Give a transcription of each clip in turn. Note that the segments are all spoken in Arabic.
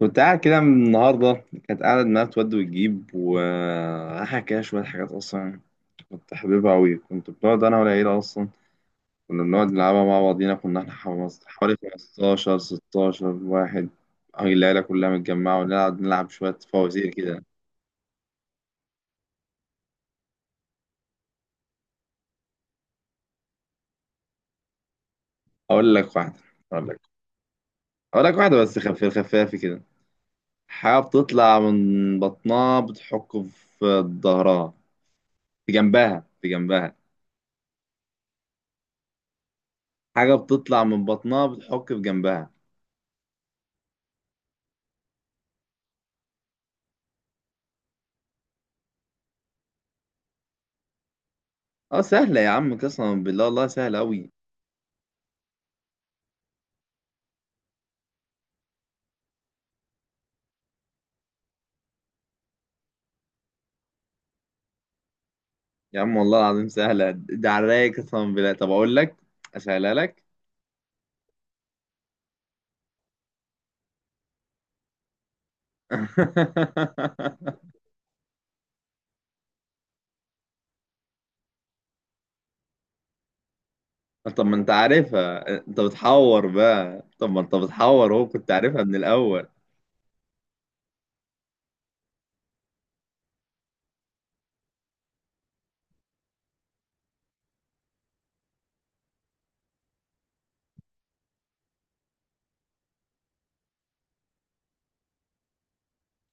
كنت قاعد كده من النهاردة، كانت قاعدة دماغها تود وتجيب وراح كده شوية حاجات أصلا. كنت حاببها أوي، كنت بنقعد أنا والعيلة أصلا. كنا بنقعد نلعبها مع بعضينا، كنا إحنا حوالي خمستاشر ستاشر واحد. أهي العيلة كلها متجمعة ونلعب نلعب شوية فوازير كده. أقول لك واحدة أقول لك أقول لك واحدة بس خفافي كده. حاجة بتطلع من بطنها بتحك في ظهرها، في جنبها. حاجة بتطلع من بطنها بتحك في جنبها. اه، سهلة يا عم قسما بالله، والله سهلة أوي. يا عم والله العظيم سهلة، ده على الرايق قسما بالله. طب أقول لك، أسهلها لك. طب ما أنت عارفها، أنت بتحور بقى، طب ما أنت بتحور، هو كنت عارفها من الأول.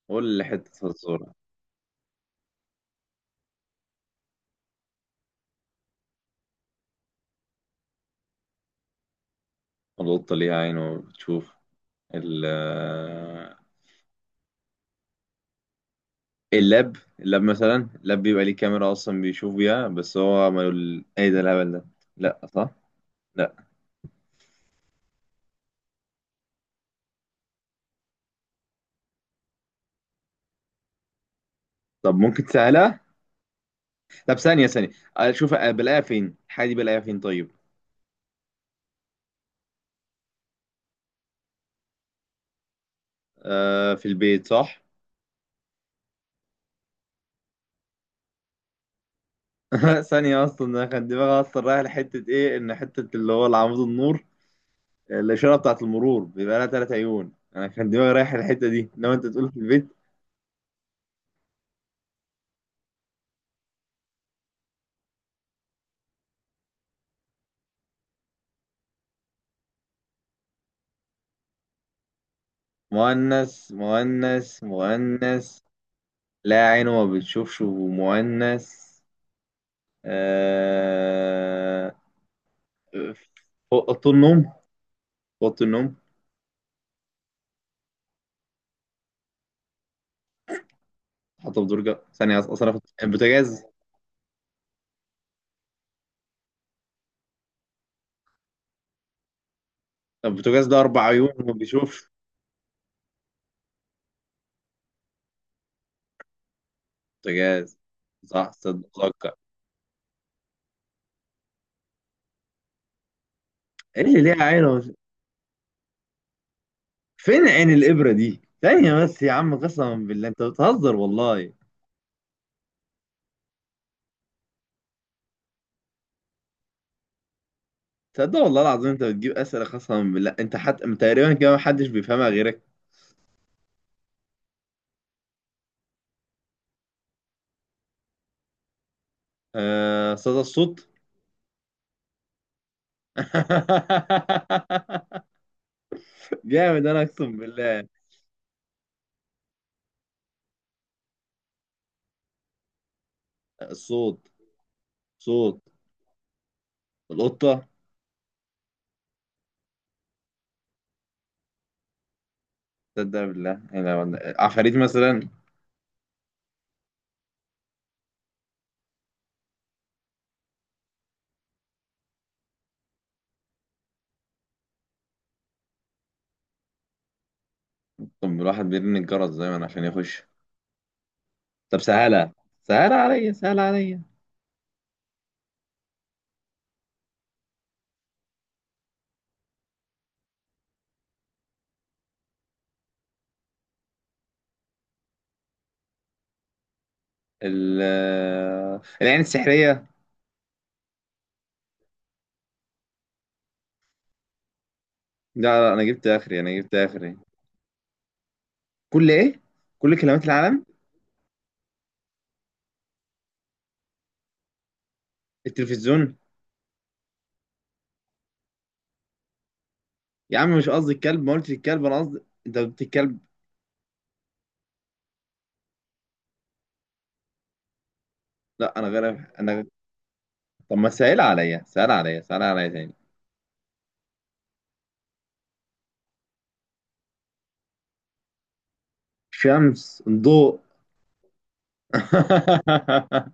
قول لي حتة فزورة. القطة ليها عين وبتشوف. ال آه، اللاب مثلا، اللاب بيبقى ليه كاميرا أصلا بيشوف بيها، بس هو ما يقول إيه ده الهبل ده. لأ، صح؟ لأ. طب ممكن تسهلها؟ طب ثانية ثانية، اشوف بلاقيها فين الحاجة دي، بلاقيها فين طيب. آه في البيت، صح. ثانية اصلا، انا كان دماغي اصلا رايح لحتة ايه، ان حتة اللي هو العمود النور، الاشارة بتاعت المرور بيبقى لها تلات عيون. انا كان دماغي رايح الحتة دي، انما انت تقول في البيت. مؤنث مؤنث مؤنث. لا عينه ما بتشوفش ومؤنث. آه... اوضه النوم، اوضه النوم. حاطه في درجه ثانيه اصلا، البوتاجاز. البوتاجاز ده اربع عيون ما بيشوفش. بوتاجاز، صح صدق اتذكر. ايه اللي ليها عين ومش... فين عين الابره دي؟ ثانيه بس يا عم، قسما بالله انت بتهزر، والله. تصدق والله العظيم انت بتجيب اسئله قسما بالله، انت حتى تقريبا كده محدش بيفهمها غيرك. آه، صدى الصوت. جامد، انا اقسم بالله. الصوت. صوت. القطه. تصدق بالله، انا عفاريت مثلا. طب الواحد بيرن الجرس دايما عشان يخش. طب سهله، سهله عليا سهله عليا. ال العين السحرية. لا لا، أنا جبت آخري، أنا جبت آخري. كل إيه؟ كل كلمات العالم. التلفزيون. يا عم مش قصدي الكلب، ما قلتش الكلب، أنا قصدي. أنت قلت الكلب. لا أنا غير، أنا. طب ما سهل عليا سهل عليا سهل عليا تاني. شمس، ضوء.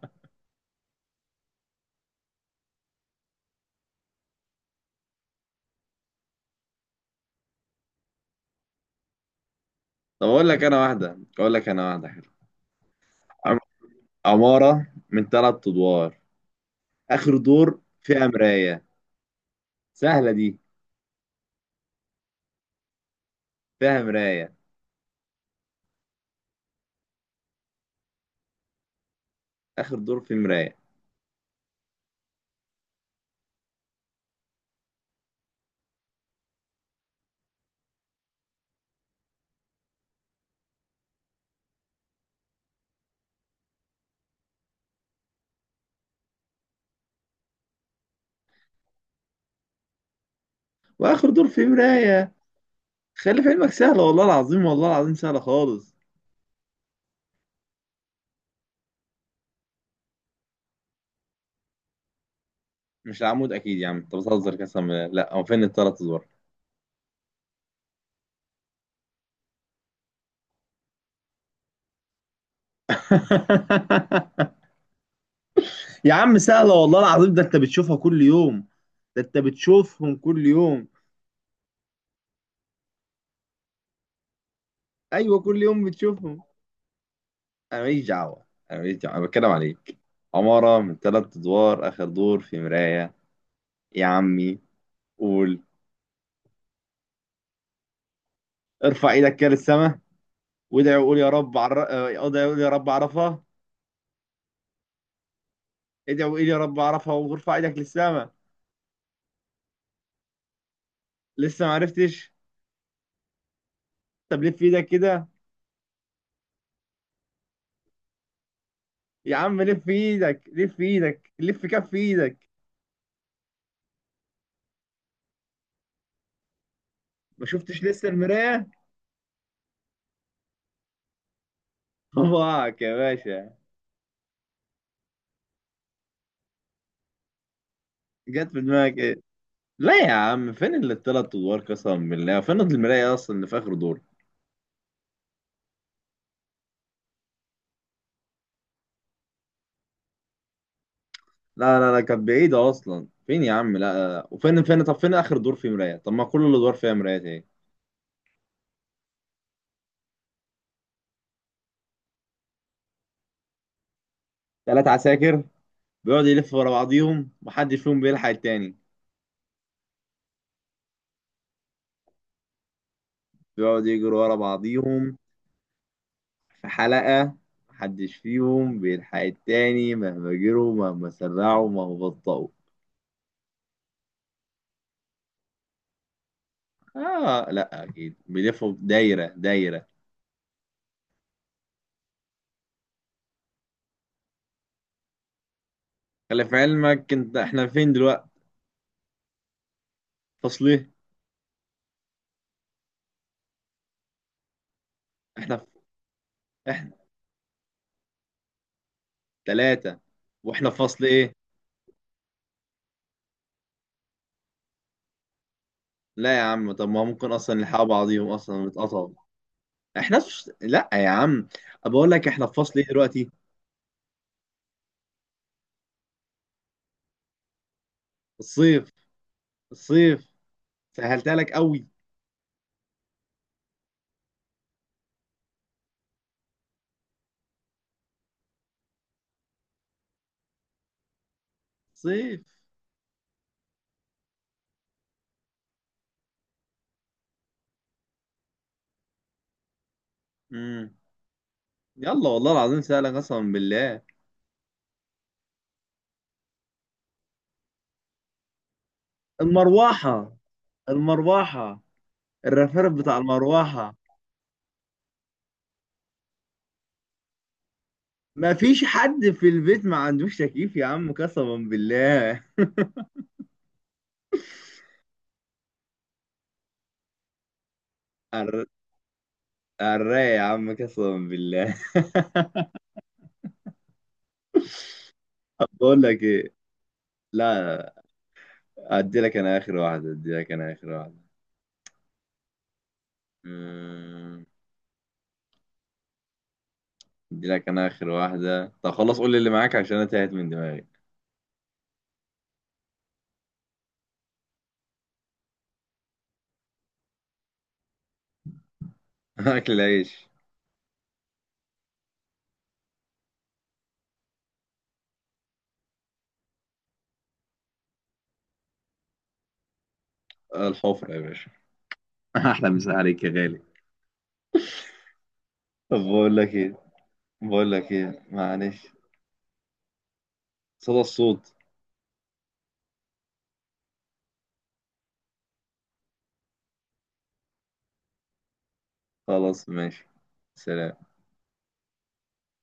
طب أقول لك أنا واحدة حلوة. عم- عمارة من ثلاث أدوار، آخر دور فيها مراية. سهلة دي. فيها مراية. آخر دور فيه مراية. وآخر دور فيه مراية. خلي في علمك، سهلة والله العظيم، والله العظيم سهلة خالص. مش العمود أكيد يا عم، أنت بتهزر قسما بالله. لا، هو فين التلات أزوار. يا عم سهلة والله العظيم، ده أنت بتشوفهم كل يوم. أيوه كل يوم بتشوفهم. أنا ماليش دعوة أنا ماليش دعوة، أنا بتكلم عليك. عمارة من تلات أدوار آخر دور في مراية. يا عمي، قول. ارفع إيدك كده للسما وادعي وقول يا رب عر... اه، ادعي وقول يا رب عرفها. ادعي وقول يا رب عرفها وارفع إيدك للسما. لسه ما عرفتش. طب لف ايدك كده. يا عم لف ايدك، لف ايدك، لف كف ايدك. ما شفتش لسه المراية. صباعك يا باشا. جت في دماغك ايه. لا يا عم فين اللي التلات ادوار قسما بالله، فين المراية اصلا اللي في اخر دور. لا لا لا، كانت بعيدة اصلا. فين يا عم؟ لا لا. وفين فين؟ طب فين اخر دور فيه مراية؟ طب ما كل الادوار فيها مرايات، ايه. تلات عساكر بيقعدوا يلفوا ورا بعضيهم، محدش فيهم بيلحق التاني. بيقعدوا يجروا ورا بعضيهم في حلقة، محدش فيهم بيلحق التاني مهما جروا مهما سرعوا مهما بطأوا. آه لأ، أكيد بيلفوا دايرة دايرة. خلي في علمك أنت، إحنا فين دلوقتي؟ فصل إيه؟ إحنا في، إحنا تلاتة، وإحنا في فصل إيه؟ لا يا عم، طب ما ممكن أصلا نلحق بعضيهم أصلا ونتقطعوا. إحنا في... لأ يا عم، أنا بقول لك إحنا في فصل إيه دلوقتي؟ الصيف. الصيف. سهلتها لك قوي. صيف. امم يلا والله العظيم سهلك قسما بالله. المروحة. المروحة. الرفرف بتاع المروحة. ما فيش حد في البيت ما عندوش تكييف يا عم قسما بالله. الر- الرايق يا عم قسما بالله. طب بقول لك ايه. لا لا، لا، ادي لك انا اخر واحدة. أمم، ادي لك انا اخر واحدة، طب خلاص قول لي اللي معاك عشان انا تاهت من دماغي. اكل العيش. الحفرة يا باشا. احلى مسا عليك يا غالي. طب بقول لك ايه، معلش. صدى الصوت. خلاص ماشي. سلام.